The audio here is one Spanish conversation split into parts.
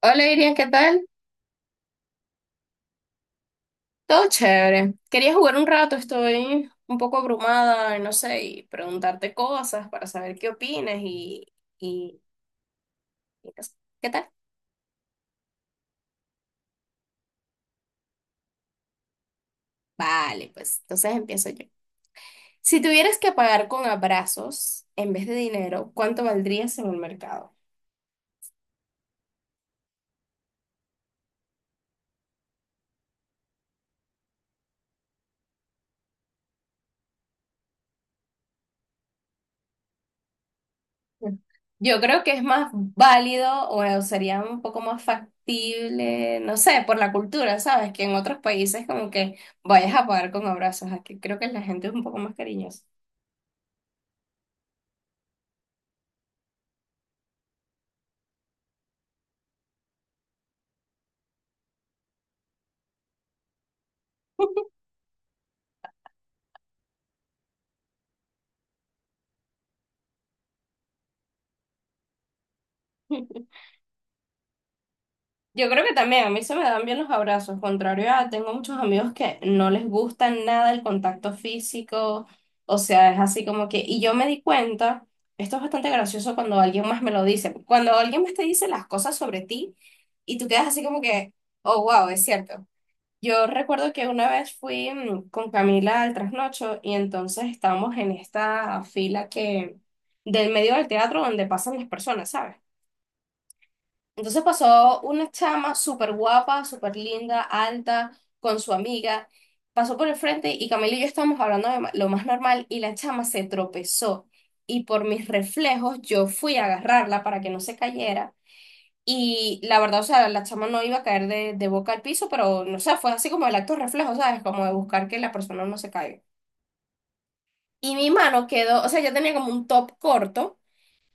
Hola Iria, ¿qué tal? Todo chévere. Quería jugar un rato, estoy un poco abrumada, y no sé, y preguntarte cosas para saber qué opinas y, y no sé. ¿Qué tal? Vale, pues entonces empiezo yo. Si tuvieras que pagar con abrazos en vez de dinero, ¿cuánto valdrías en el mercado? Mm. Yo creo que es más válido o sería un poco más factible, no sé, por la cultura, ¿sabes? Que en otros países como que vayas a pagar con abrazos, aquí creo que la gente es un poco más cariñosa. Yo creo que también a mí se me dan bien los abrazos, contrario a tengo muchos amigos que no les gusta nada el contacto físico, o sea, es así como que, y yo me di cuenta, esto es bastante gracioso cuando alguien más me lo dice, cuando alguien más te dice las cosas sobre ti y tú quedas así como que, oh, wow, es cierto. Yo recuerdo que una vez fui con Camila al trasnocho y entonces estábamos en esta fila que, del medio del teatro donde pasan las personas, ¿sabes? Entonces pasó una chama súper guapa, súper linda, alta, con su amiga. Pasó por el frente y Camila y yo estábamos hablando de lo más normal y la chama se tropezó. Y por mis reflejos yo fui a agarrarla para que no se cayera. Y la verdad, o sea, la chama no iba a caer de boca al piso, pero no sé, fue así como el acto reflejo, ¿sabes? Como de buscar que la persona no se caiga. Y mi mano quedó, o sea, yo tenía como un top corto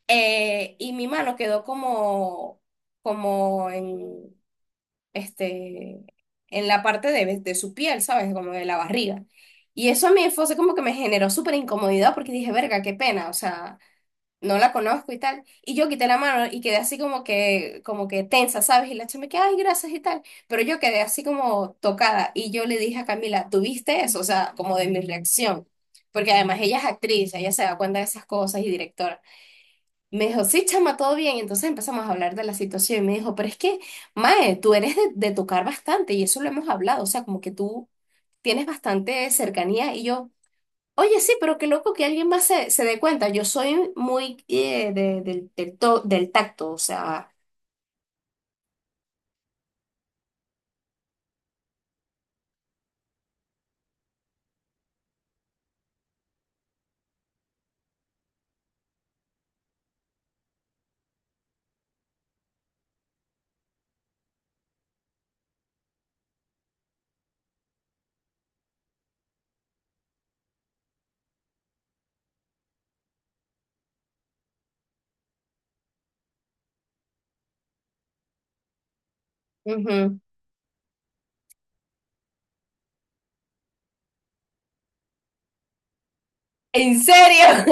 y mi mano quedó como, como en este, en la parte de su piel, ¿sabes? Como de la barriga. Y eso a mí fue así como que me generó súper incomodidad porque dije, verga, qué pena, o sea, no la conozco y tal. Y yo quité la mano y quedé así como que tensa, ¿sabes? Y la chama que, ay, gracias y tal. Pero yo quedé así como tocada y yo le dije a Camila, ¿tuviste eso? O sea, como de mi reacción. Porque además ella es actriz, ella se da cuenta de esas cosas y directora. Me dijo, sí, chama, todo bien. Y entonces empezamos a hablar de la situación y me dijo, pero es que, Mae, tú eres de tocar bastante y eso lo hemos hablado, o sea, como que tú tienes bastante cercanía y yo, oye, sí, pero qué loco que alguien más se dé cuenta. Yo soy muy del tacto, o sea, ujú. ¿En serio?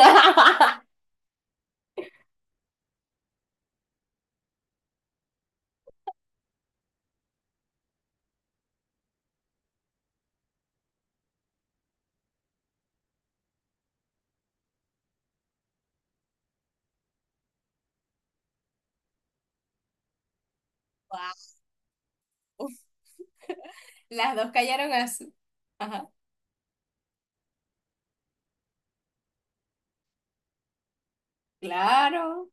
Guau. Las dos callaron así. Ajá, claro.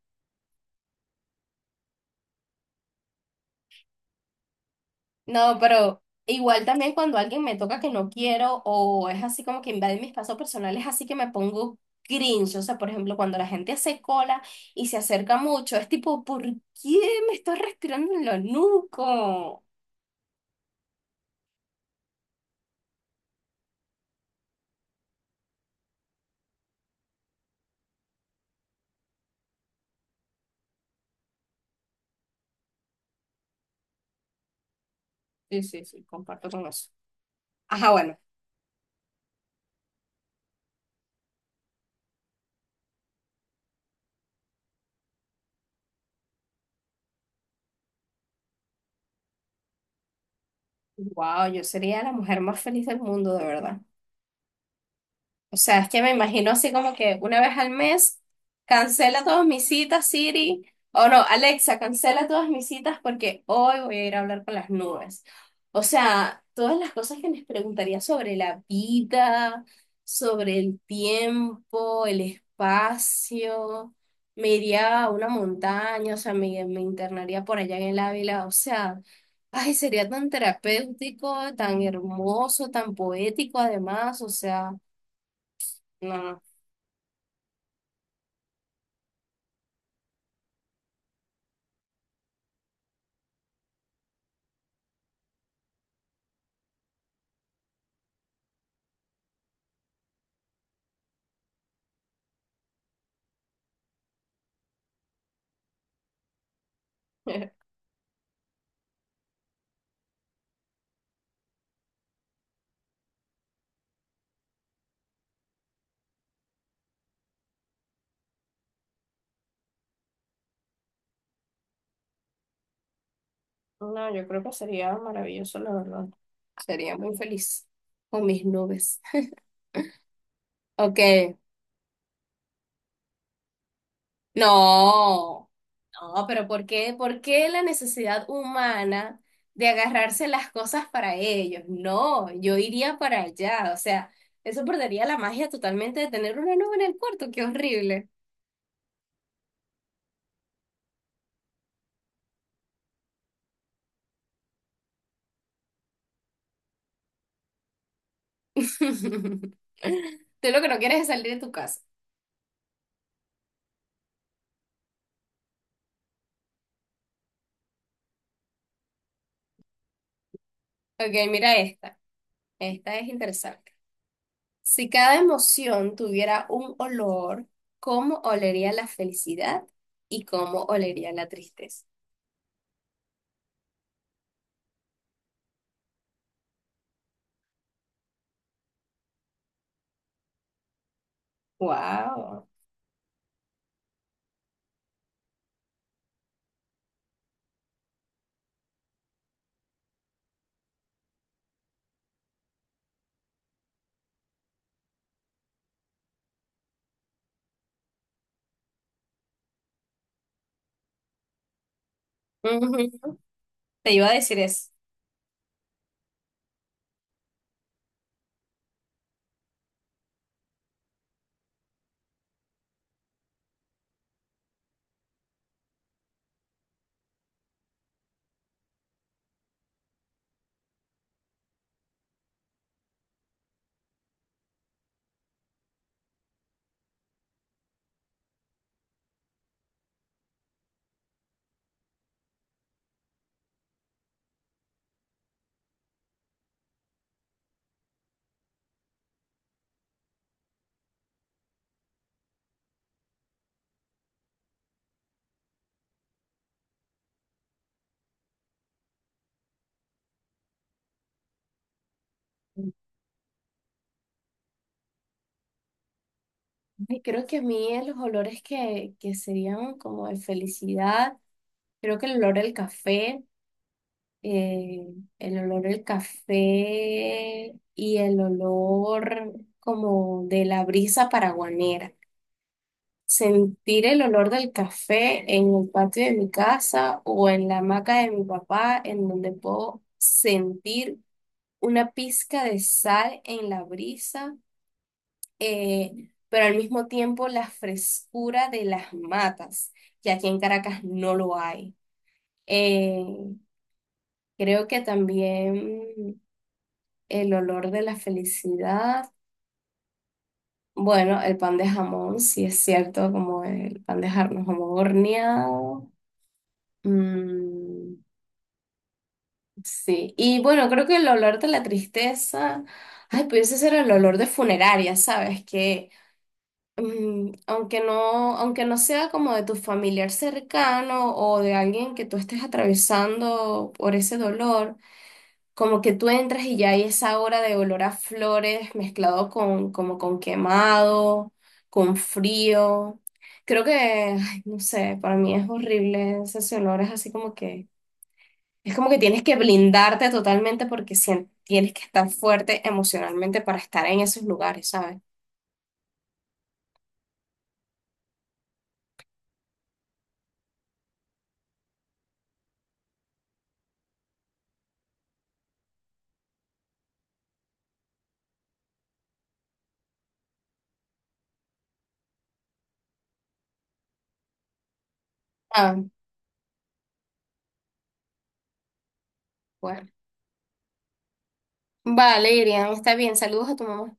No, pero igual también cuando alguien me toca que no quiero o es así como que invade mi espacio personal, es así que me pongo cringe. O sea, por ejemplo, cuando la gente hace cola y se acerca mucho, es tipo, ¿por qué me estás respirando en lo nuco? Sí, sí, sí, comparto con eso. Ajá, bueno. Wow, yo sería la mujer más feliz del mundo, de verdad. O sea, es que me imagino así como que una vez al mes cancela todas mis citas, Siri. O no, Alexa, cancela todas mis citas porque hoy voy a ir a hablar con las nubes. O sea, todas las cosas que les preguntaría sobre la vida, sobre el tiempo, el espacio. Me iría a una montaña, o sea, me internaría por allá en el Ávila. O sea, ay, sería tan terapéutico, tan hermoso, tan poético además. O sea, no. No. No, yo creo que sería maravilloso, la verdad. Sería muy feliz con mis nubes. Ok, no, no, pero ¿por qué? ¿Por qué la necesidad humana de agarrarse las cosas para ellos? No, yo iría para allá, o sea, eso perdería la magia totalmente de tener una nube en el cuarto, qué horrible. Tú lo que no quieres es salir de tu casa. Ok, mira esta, esta es interesante. Si cada emoción tuviera un olor, ¿cómo olería la felicidad y cómo olería la tristeza? Wow. Te iba a decir eso. Ay, creo que a mí los olores que serían como de felicidad, creo que el olor del café, eh, el olor del café y el olor como de la brisa paraguanera. Sentir el olor del café en el patio de mi casa o en la hamaca de mi papá, en donde puedo sentir una pizca de sal en la brisa, pero al mismo tiempo la frescura de las matas, que aquí en Caracas no lo hay. Eh, Creo que también el olor de la felicidad. Bueno, el pan de jamón, sí es cierto, como el pan de jamón horneado. Mm, sí, y bueno, creo que el olor de la tristeza, ay, pudiese ser el olor de funeraria, ¿sabes? Que mm, aunque no sea como de tu familiar cercano o de alguien que tú estés atravesando por ese dolor, como que tú entras y ya hay esa hora de olor a flores mezclado con, como con quemado, con frío. Creo que, ay, no sé, para mí es horrible ese olor, es así como que es como que tienes que blindarte totalmente porque tienes que estar fuerte emocionalmente para estar en esos lugares, ¿sabes? Ah, bueno. Vale, Irian, está bien. Saludos a tu mamá.